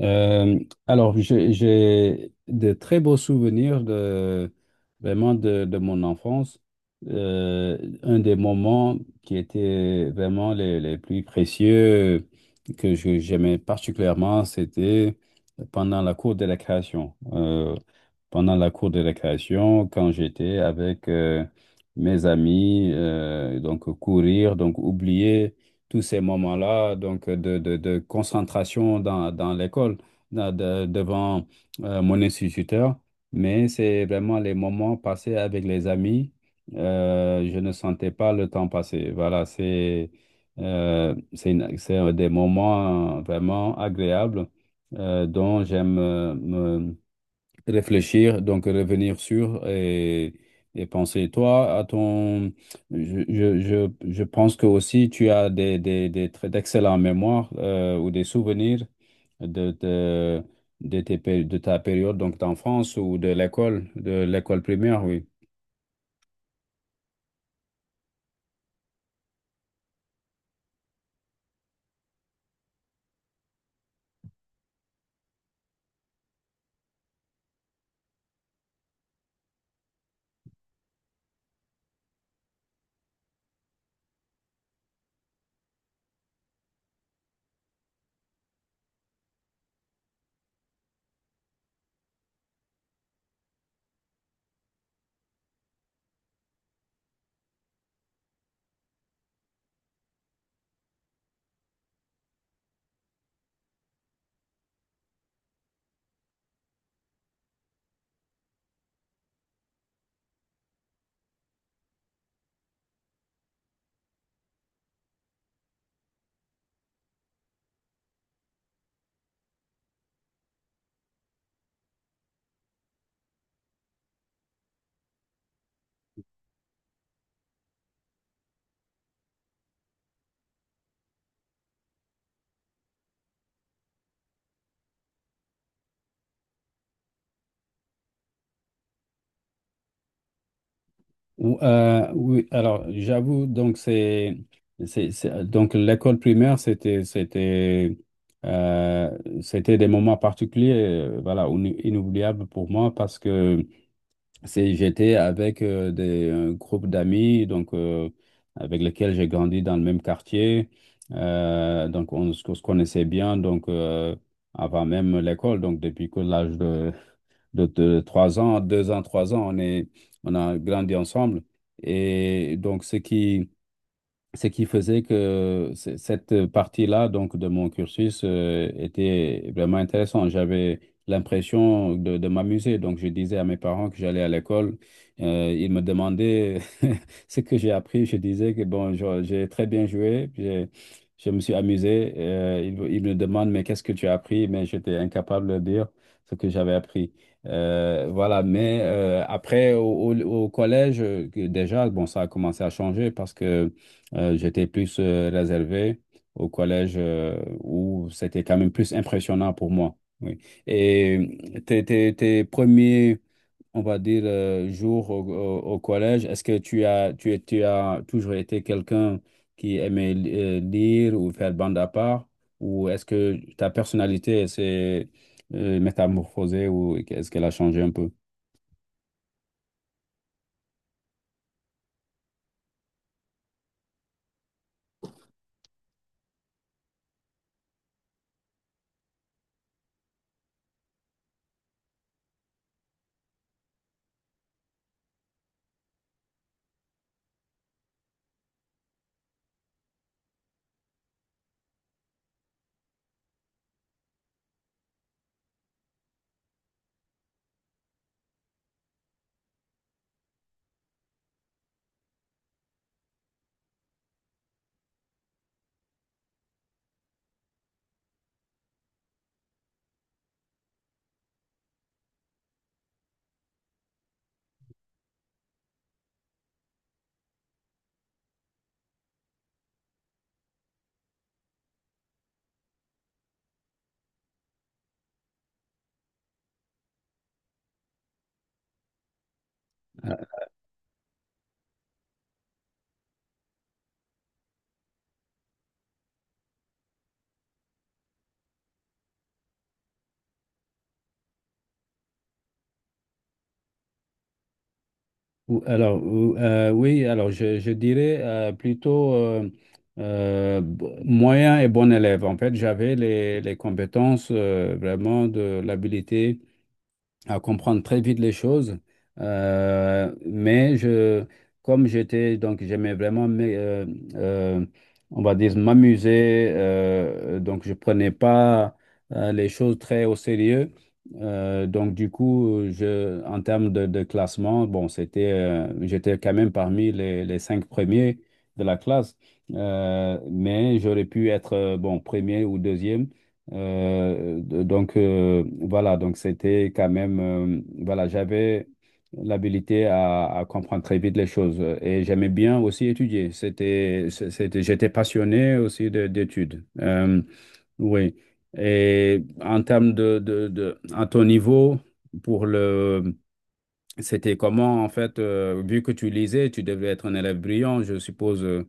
Euh, alors, j'ai de très beaux souvenirs de, vraiment de mon enfance. Un des moments qui étaient vraiment les plus précieux j'aimais particulièrement, c'était pendant la cour de récréation. Pendant la cour de récréation, quand j'étais avec mes amis, donc courir, donc oublier tous ces moments-là, donc de concentration dans l'école, devant mon instituteur. Mais c'est vraiment les moments passés avec les amis. Je ne sentais pas le temps passer. Voilà, c'est c'est un des moments vraiment agréables dont j'aime me réfléchir, donc revenir sur et penser. Toi, à je pense que aussi tu as des très d'excellents mémoires ou des souvenirs de, de, de de ta période donc d'enfance ou de l'école primaire, oui. Oui, alors j'avoue, donc donc l'école primaire, euh, c'était des moments particuliers, voilà, inoubliables pour moi parce que c'est j'étais avec des un groupe d'amis, avec lesquels j'ai grandi dans le même quartier. On se connaissait bien, avant même l'école, donc depuis que l'âge de de trois ans, on a grandi ensemble. Et donc, ce qui faisait que cette partie-là donc de mon cursus était vraiment intéressante. J'avais l'impression de m'amuser. Donc, je disais à mes parents que j'allais à l'école. Ils me demandaient ce que j'ai appris. Je disais que bon, j'ai très bien joué. Je me suis amusé. Ils me demandent, mais qu'est-ce que tu as appris? Mais j'étais incapable de dire ce que j'avais appris. Voilà, mais après, au collège, que déjà, bon, ça a commencé à changer parce que j'étais plus réservé au collège où c'était quand même plus impressionnant pour moi. Oui. Et tes premiers, on va dire, jours au collège, est-ce que tu as toujours été quelqu'un qui aimait lire ou faire bande à part? Ou est-ce que ta personnalité s'est métamorphosée ou est-ce qu'elle a changé un peu? Alors, je dirais plutôt moyen et bon élève. En fait, j'avais les compétences vraiment de l'habilité à comprendre très vite les choses. Mais comme j'aimais vraiment, euh, on va dire, m'amuser. Donc je prenais pas les choses très au sérieux. Donc du coup, en termes de classement, bon, c'était, j'étais quand même parmi les cinq premiers de la classe. Mais j'aurais pu être, bon, premier ou deuxième. Donc c'était quand même, voilà, j'avais l'habilité à comprendre très vite les choses et j'aimais bien aussi étudier. J'étais passionné aussi d'études. Oui. Et en termes de à ton niveau, pour le, c'était comment en fait, vu que tu lisais, tu devais être un élève brillant, je suppose. Euh,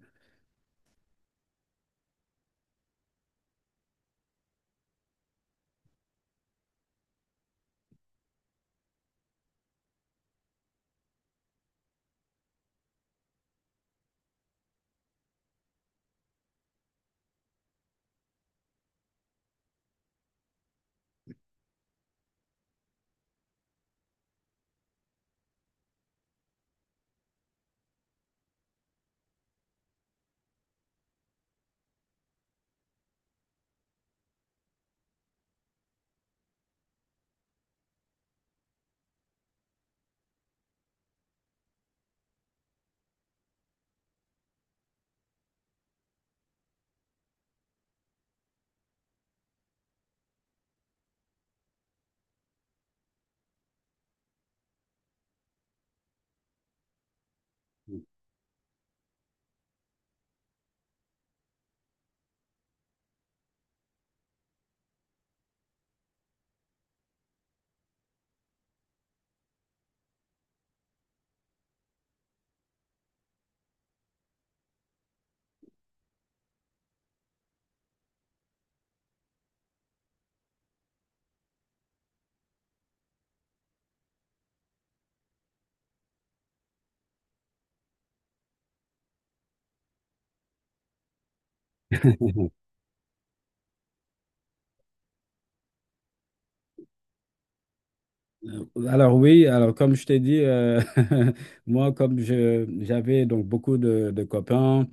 alors oui, alors comme je t'ai dit, moi comme je j'avais donc beaucoup de copains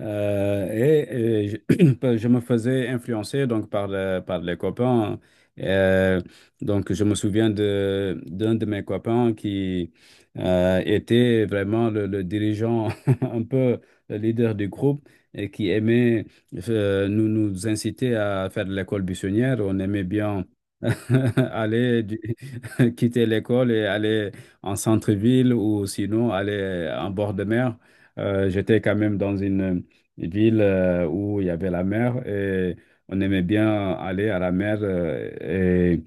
je me faisais influencer donc par les copains. Euh, donc je me souviens de d'un de mes copains qui était vraiment le dirigeant, un peu le leader du groupe et qui aimait nous nous inciter à faire de l'école buissonnière. On aimait bien aller du, quitter l'école et aller en centre-ville ou sinon aller en bord de mer. J'étais quand même dans une ville où il y avait la mer et on aimait bien aller à la mer. Euh, et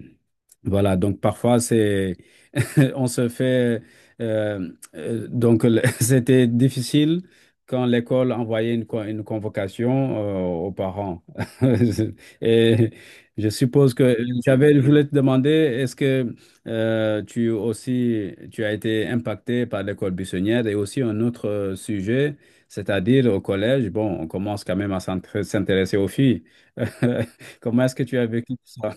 voilà, donc parfois c'est on se fait euh, c'était difficile quand l'école envoyait une convocation aux parents. Et je suppose que je voulais te demander, est-ce que tu aussi tu as été impacté par l'école buissonnière et aussi un autre sujet, c'est-à-dire au collège, bon, on commence quand même à s'intéresser aux filles. Comment est-ce que tu as vécu ça?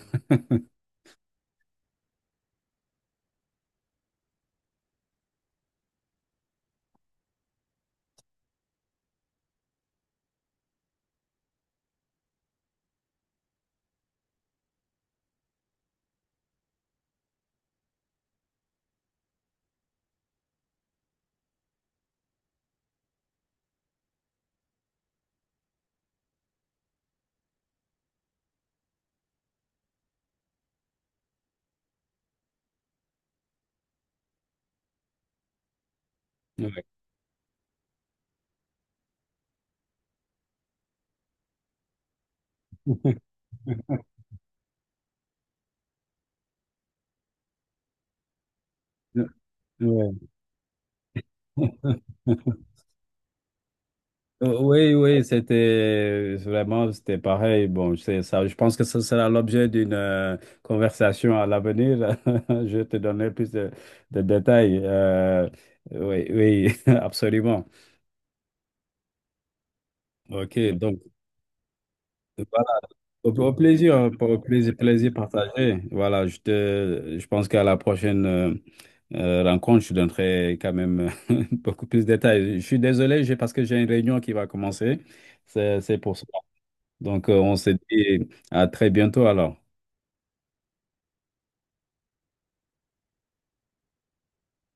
Ouais. Ouais. Oui, oui, c'était vraiment, c'était pareil. Bon, c'est ça. Je pense que ce sera l'objet d'une conversation à l'avenir. Je te donnerai plus de détails. Oui, oui, absolument. OK, donc voilà. Au, au plaisir, hein, au plaisir, plaisir partagé. Voilà, je pense qu'à la prochaine rencontre, je donnerai quand même beaucoup plus de détails. Je suis désolé, j'ai parce que j'ai une réunion qui va commencer. C'est pour ça. On se dit à très bientôt alors.